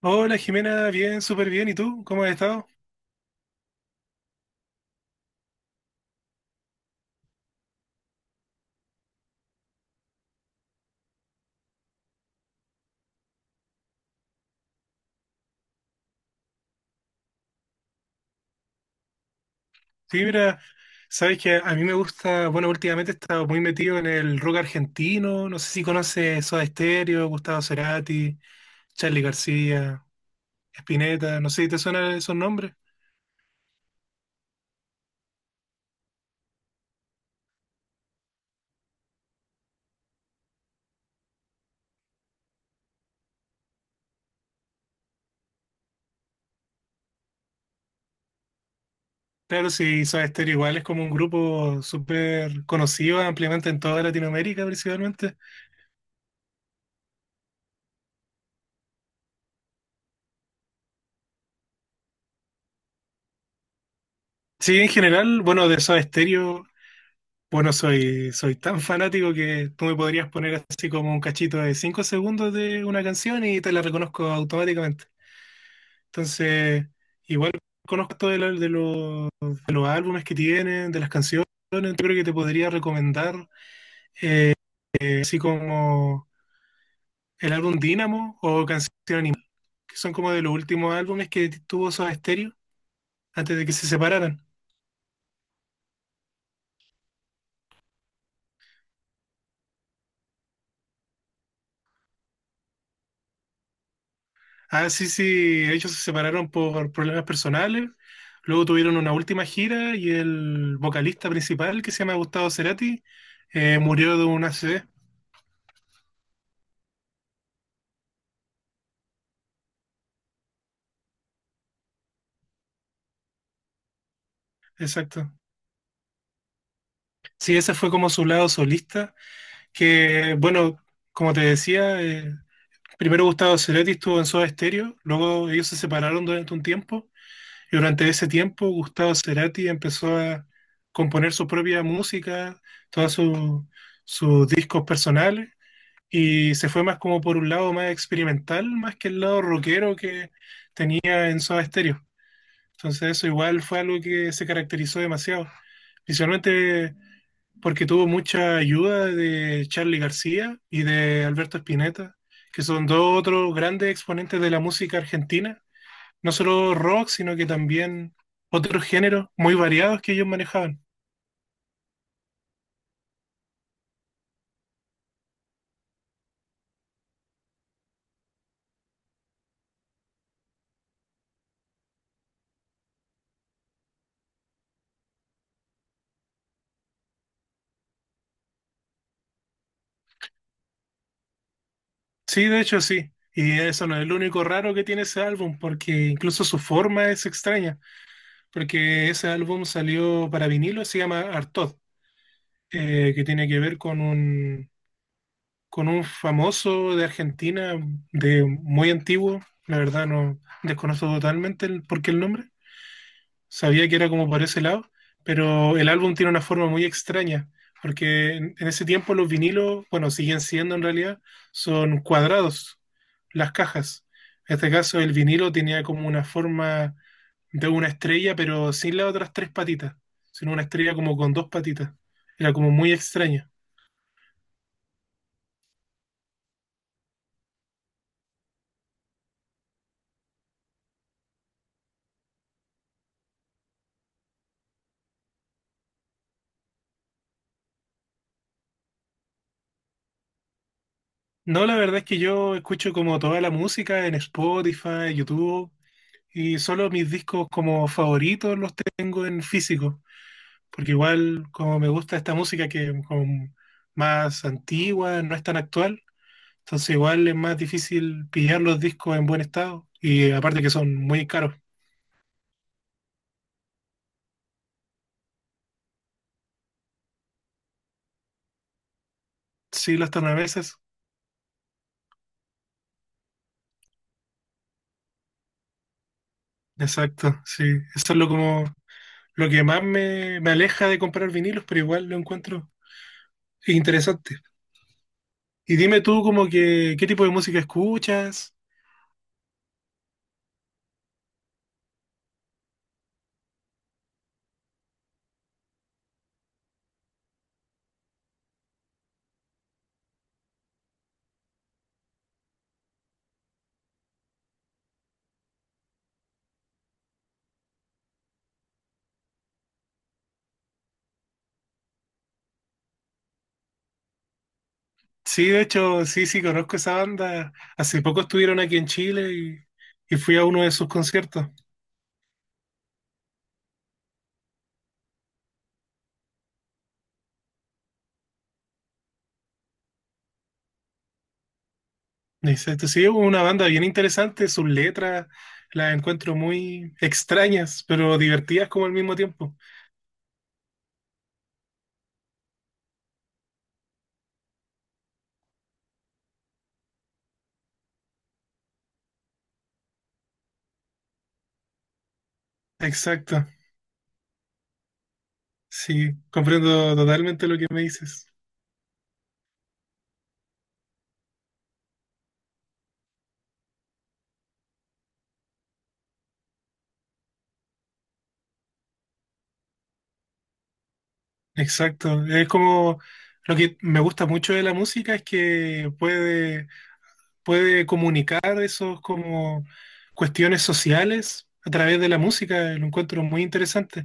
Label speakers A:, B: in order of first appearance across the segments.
A: Hola Jimena, bien, súper bien. ¿Y tú? ¿Cómo has estado? Sí, mira, sabes que a mí me gusta, bueno, últimamente he estado muy metido en el rock argentino. No sé si conoces Soda Stereo, Gustavo Cerati, Charly García, Spinetta, no sé si te suenan esos nombres. Claro, sí, Soda Stereo igual es como un grupo súper conocido ampliamente en toda Latinoamérica principalmente. Sí, en general, bueno, de Soda Stereo. Bueno, soy tan fanático que tú me podrías poner así como un cachito de 5 segundos de una canción y te la reconozco automáticamente. Entonces, igual conozco todo de los álbumes que tienen, de las canciones. Yo creo que te podría recomendar así como el álbum Dynamo o Canción Animal, que son como de los últimos álbumes que tuvo Soda Stereo antes de que se separaran. Ah, sí, sí, ellos se separaron por problemas personales. Luego tuvieron una última gira y el vocalista principal, que se llama Gustavo Cerati, murió de un ACV. Exacto. Sí, ese fue como su lado solista, que, bueno, como te decía, primero Gustavo Cerati estuvo en Soda Stereo, luego ellos se separaron durante un tiempo, y durante ese tiempo Gustavo Cerati empezó a componer su propia música, todos sus discos personales. Y se fue más como por un lado más experimental, más que el lado rockero que tenía en Soda Stereo. Entonces eso igual fue algo que se caracterizó demasiado, principalmente porque tuvo mucha ayuda de Charly García y de Alberto Spinetta, que son dos otros grandes exponentes de la música argentina, no solo rock, sino que también otros géneros muy variados que ellos manejaban. Sí, de hecho sí. Y eso no es lo único raro que tiene ese álbum, porque incluso su forma es extraña. Porque ese álbum salió para vinilo, se llama Artod, que tiene que ver con con un famoso de Argentina, de muy antiguo, la verdad no desconozco totalmente el, por qué el nombre, sabía que era como por ese lado, pero el álbum tiene una forma muy extraña, porque en ese tiempo los vinilos, bueno, siguen siendo en realidad, son cuadrados las cajas. En este caso el vinilo tenía como una forma de una estrella, pero sin las otras tres patitas, sino una estrella como con dos patitas. Era como muy extraña. No, la verdad es que yo escucho como toda la música en Spotify, YouTube, y solo mis discos como favoritos los tengo en físico, porque igual como me gusta esta música que es como más antigua, no es tan actual, entonces igual es más difícil pillar los discos en buen estado, y aparte que son muy caros. Sí, los tornaveses. Exacto, sí. Eso es lo como lo que más me aleja de comprar vinilos, pero igual lo encuentro interesante. Y dime tú como que, ¿qué tipo de música escuchas? Sí, de hecho, sí, sí, conozco esa banda. Hace poco estuvieron aquí en Chile y fui a uno de sus conciertos. Exacto, sí, es una banda bien interesante, sus letras las encuentro muy extrañas, pero divertidas como al mismo tiempo. Exacto, sí, comprendo totalmente lo que me dices. Exacto, es como lo que me gusta mucho de la música es que puede comunicar esos como cuestiones sociales a través de la música, lo encuentro muy interesante.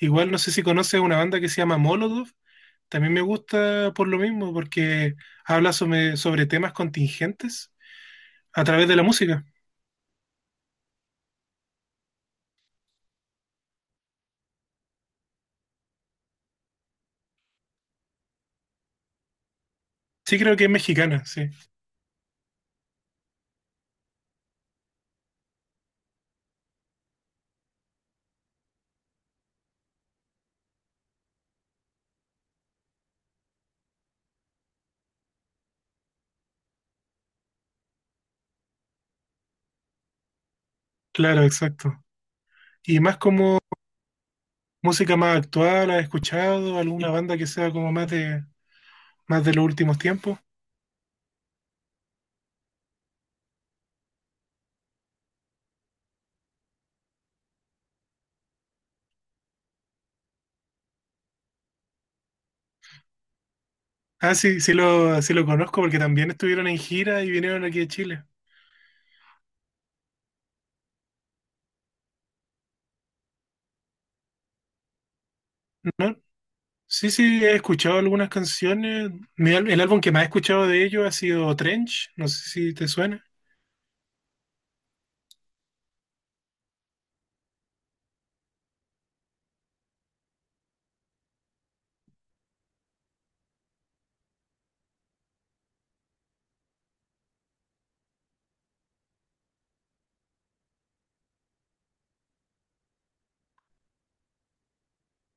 A: Igual no sé si conoces una banda que se llama Molotov, también me gusta por lo mismo, porque habla sobre temas contingentes a través de la música. Sí creo que es mexicana, sí, claro, exacto. Y más como música más actual, ¿has escuchado alguna banda que sea como más de más de los últimos tiempos? Ah, sí, sí lo conozco porque también estuvieron en gira y vinieron aquí a Chile. Sí, sí, he escuchado algunas canciones. El álbum que más he escuchado de ellos ha sido Trench, no sé si te suena.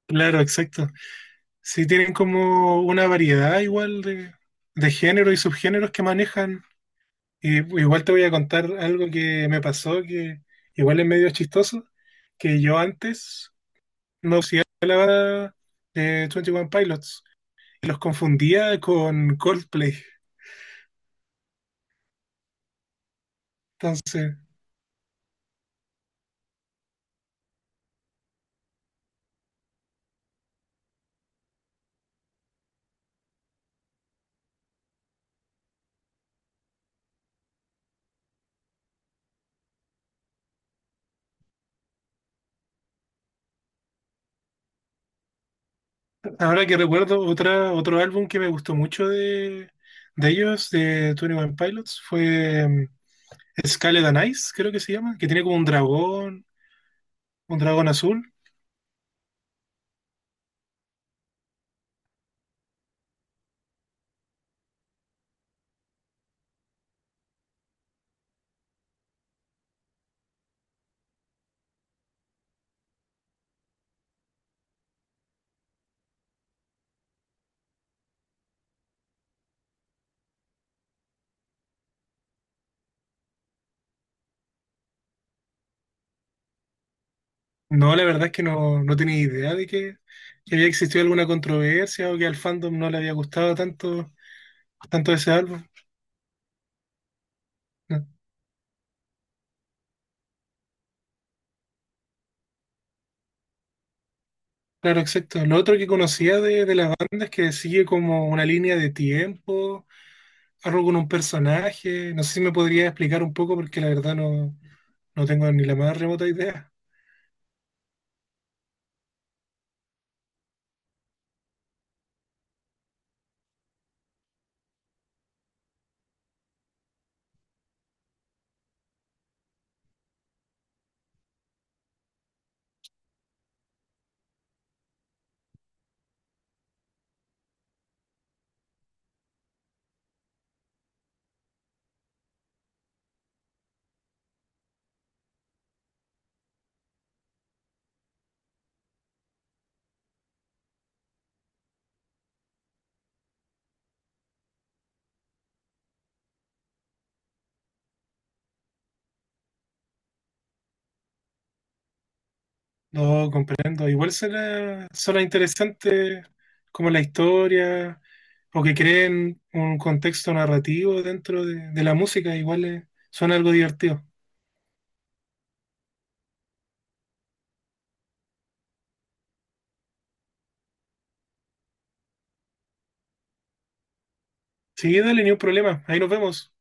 A: Claro, exacto. Sí, tienen como una variedad igual de género y subgéneros que manejan. Y igual te voy a contar algo que me pasó, que igual es medio chistoso, que yo antes no conocía la banda de 21 Pilots. Los confundía con Coldplay. Entonces, ahora que recuerdo otro álbum que me gustó mucho de ellos, de Twenty One Pilots, fue Scarlet and Ice, creo que se llama, que tiene como un dragón azul. No, la verdad es que no, no tenía idea que había existido alguna controversia o que al fandom no le había gustado tanto, tanto ese álbum. No, claro, exacto. Lo otro que conocía de la banda es que sigue como una línea de tiempo algo con un personaje. No sé si me podría explicar un poco porque la verdad no, no tengo ni la más remota idea. No comprendo. Igual será, será interesante como la historia o que creen un contexto narrativo dentro de la música. Igual suena algo divertido. Sí, dale, ni un problema. Ahí nos vemos.